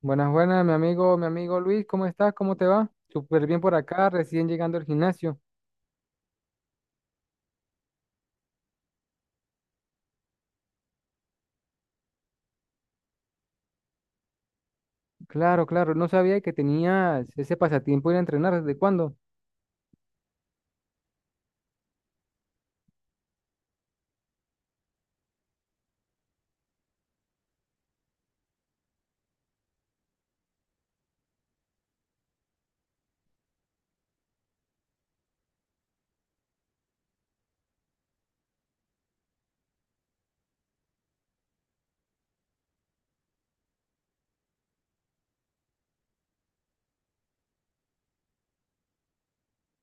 Buenas, buenas, mi amigo Luis, ¿cómo estás? ¿Cómo te va? Súper bien por acá, recién llegando al gimnasio. Claro, claro, no sabía que tenías ese pasatiempo de ir a entrenar, ¿desde cuándo?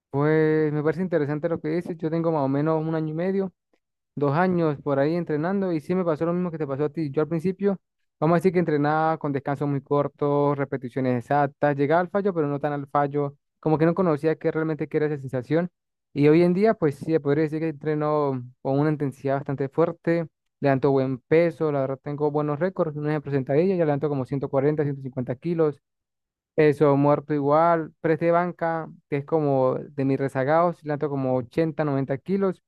Pues me parece interesante lo que dices, yo tengo más o menos un año y medio. 2 años por ahí entrenando y sí me pasó lo mismo que te pasó a ti. Yo al principio, vamos a decir que entrenaba con descansos muy cortos, repeticiones exactas, llegaba al fallo, pero no tan al fallo, como que no conocía qué realmente qué era esa sensación. Y hoy en día, pues sí, podría decir que entreno con una intensidad bastante fuerte, levanto buen peso, la verdad tengo buenos récords, un ejemplo sentadilla, ya levanto como 140 150 kilos, peso muerto igual, press de banca, que es como de mis rezagados, levanto como 80 90 kilos.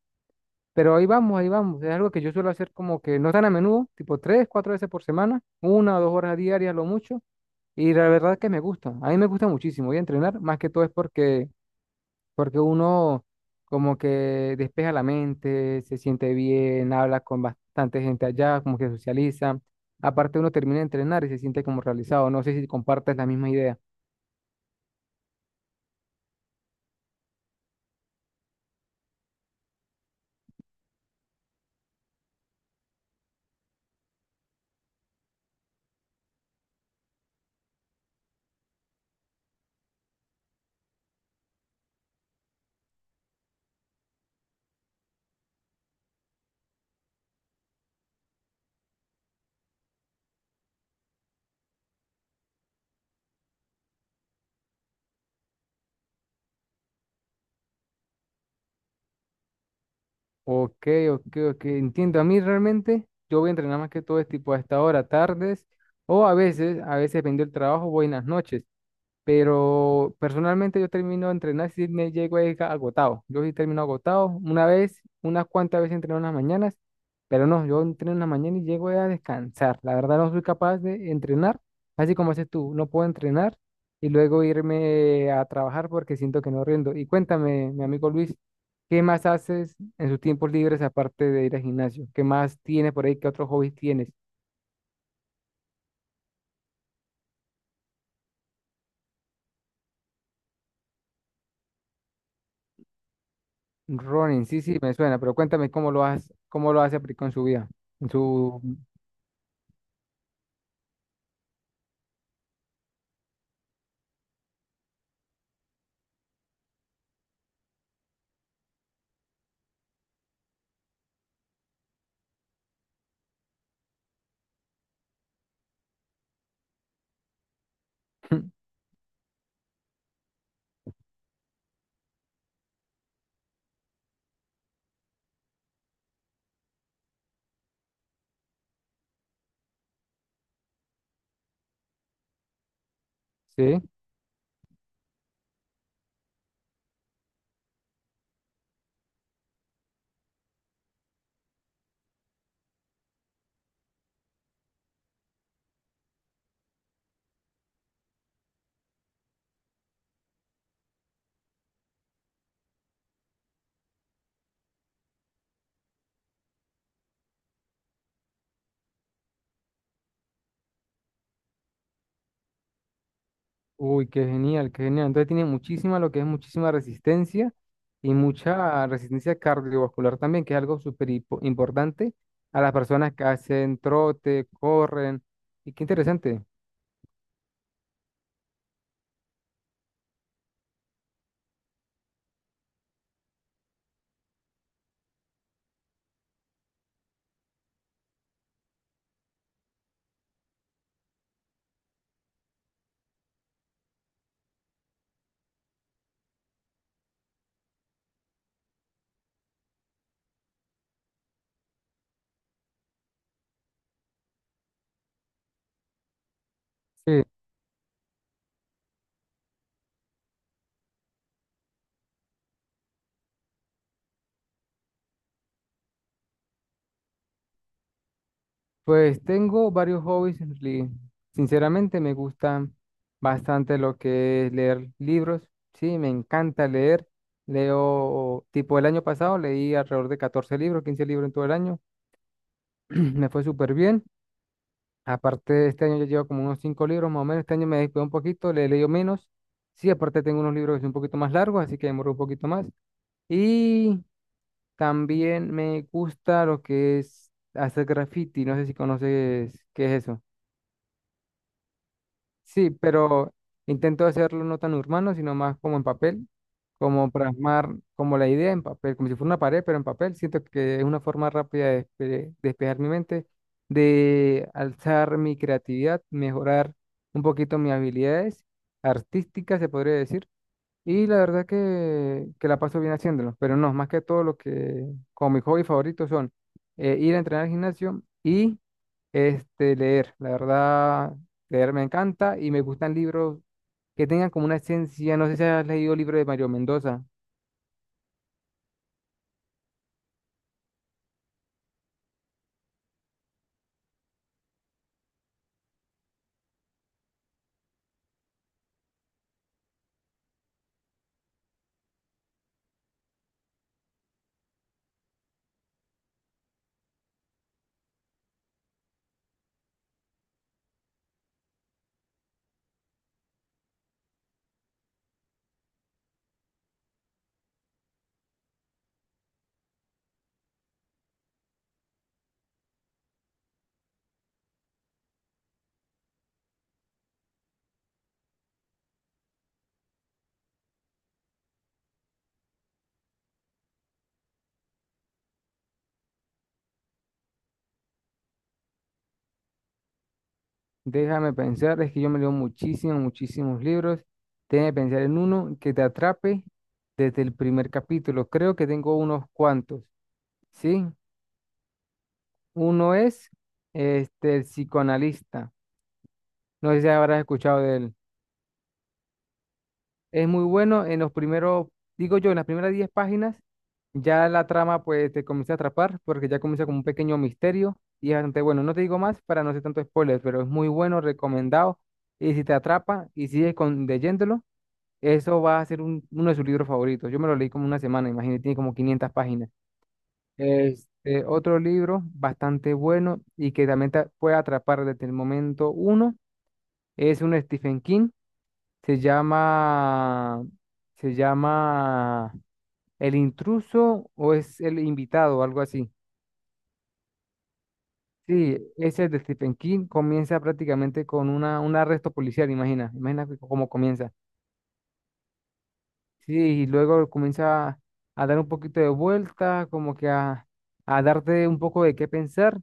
Pero ahí vamos, ahí vamos. Es algo que yo suelo hacer como que no tan a menudo, tipo tres, cuatro veces por semana, 1 o 2 horas diarias, lo mucho. Y la verdad es que me gusta. A mí me gusta muchísimo. Y entrenar, más que todo es porque uno como que despeja la mente, se siente bien, habla con bastante gente allá, como que socializa. Aparte uno termina de entrenar y se siente como realizado. No sé si compartes la misma idea. Ok, ok, ok. Entiendo. A mí realmente yo voy a entrenar más que todo es tipo a esta hora, tardes, o a veces dependiendo del trabajo, voy en las noches. Pero personalmente yo termino de entrenar si me llego ahí agotado. Yo sí termino agotado. Una vez, unas cuantas veces entreno en las mañanas, pero no, yo entreno en la mañana y llego a descansar. La verdad no soy capaz de entrenar, así como haces tú. No puedo entrenar y luego irme a trabajar porque siento que no rindo. Y cuéntame, mi amigo Luis, ¿qué más haces en sus tiempos libres aparte de ir al gimnasio? ¿Qué más tienes por ahí? ¿Qué otros hobbies tienes? Ronin, sí, sí, me suena, pero cuéntame cómo lo hace aplicó en su vida. En su... Sí. Uy, qué genial, qué genial. Entonces tiene muchísima, lo que es muchísima resistencia y mucha resistencia cardiovascular también, que es algo súper importante a las personas que hacen trote, corren. Y qué interesante. Sí, pues tengo varios hobbies. Sinceramente me gusta bastante lo que es leer libros. Sí, me encanta leer. Leo, tipo el año pasado leí alrededor de 14 libros, 15 libros en todo el año. Me fue súper bien. Aparte, este año ya llevo como unos 5 libros más o menos. Este año me descuidé un poquito, le he leído menos. Sí, aparte tengo unos libros que son un poquito más largos, así que demoro un poquito más. Y también me gusta lo que es hacer graffiti. No sé si conoces qué es eso. Sí, pero intento hacerlo no tan urbano, sino más como en papel, como plasmar como la idea en papel, como si fuera una pared, pero en papel. Siento que es una forma rápida de despejar mi mente, de alzar mi creatividad, mejorar un poquito mis habilidades artísticas, se podría decir. Y la verdad que la paso bien haciéndolo, pero no, más que todo lo que como mi hobby favorito son ir a entrenar al gimnasio y leer. La verdad, leer me encanta y me gustan libros que tengan como una esencia. No sé si has leído libros de Mario Mendoza. Déjame pensar, es que yo me leo muchísimos, muchísimos libros. Déjame pensar en uno que te atrape desde el primer capítulo. Creo que tengo unos cuantos, ¿sí? Uno es El psicoanalista. No sé si habrás escuchado de él. Es muy bueno en los primeros, digo yo, en las primeras 10 páginas, ya la trama pues te comienza a atrapar porque ya comienza como un pequeño misterio y es bastante bueno. No te digo más para no hacer tanto spoiler, pero es muy bueno, recomendado. Y si te atrapa y sigues con, leyéndolo, eso va a ser uno de sus libros favoritos. Yo me lo leí como una semana, imagínate, tiene como 500 páginas. Otro libro bastante bueno y que también te puede atrapar desde el momento uno es un Stephen King. Se llama, se llama El intruso o es el invitado, algo así. Sí, ese es de Stephen King. Comienza prácticamente con una, un arresto policial, imagina. Imagina cómo comienza. Sí, y luego comienza a dar un poquito de vuelta, como que a darte un poco de qué pensar,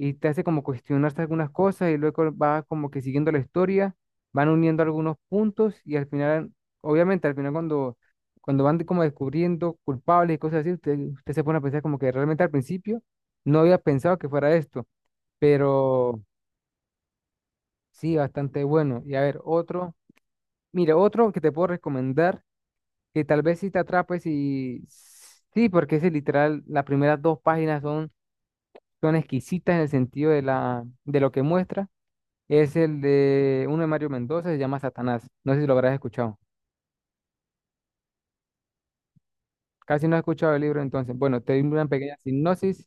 y te hace como cuestionarse algunas cosas y luego va como que siguiendo la historia, van uniendo algunos puntos y al final, obviamente al final cuando van como descubriendo culpables y cosas así, usted se pone a pensar como que realmente al principio no había pensado que fuera esto, pero sí, bastante bueno. Y a ver, otro, mire, otro que te puedo recomendar, que tal vez si te atrapes y sí, porque ese literal, las primeras dos páginas son exquisitas en el sentido de la, de lo que muestra. Es el de uno de Mario Mendoza, se llama Satanás. No sé si lo habrás escuchado. Casi no has escuchado el libro entonces. Bueno, te doy una pequeña sinopsis.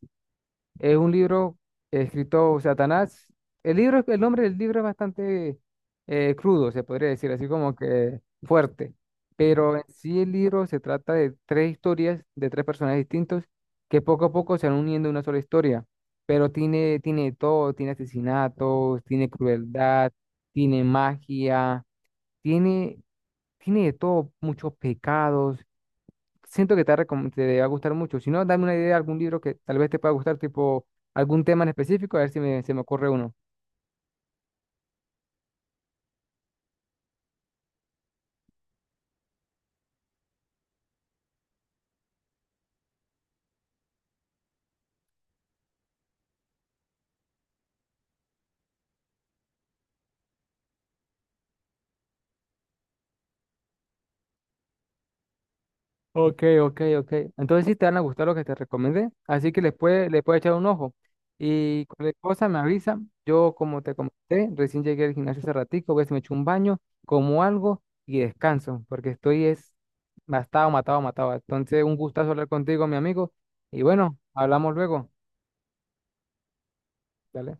Es un libro escrito Satanás. El libro, el nombre del libro es bastante crudo, se podría decir, así como que fuerte. Pero en sí el libro se trata de tres historias de tres personajes distintos que poco a poco se van uniendo en una sola historia. Pero tiene de todo, tiene asesinatos, tiene crueldad, tiene magia, tiene, tiene de todo, muchos pecados. Siento que te, va a te va a gustar mucho. Si no, dame una idea de algún libro que tal vez te pueda gustar, tipo algún tema en específico, a ver si me, se me ocurre uno. Ok, ok, ok. Entonces sí te van a gustar lo que te recomendé. Así que les puede, le puede echar un ojo. Y cualquier cosa me avisa. Yo, como te comenté, recién llegué al gimnasio hace ratico, voy a ver si me echo un baño, como algo y descanso, porque estoy es matado, matado, matado. Entonces, un gustazo hablar contigo, mi amigo. Y bueno, hablamos luego. Dale.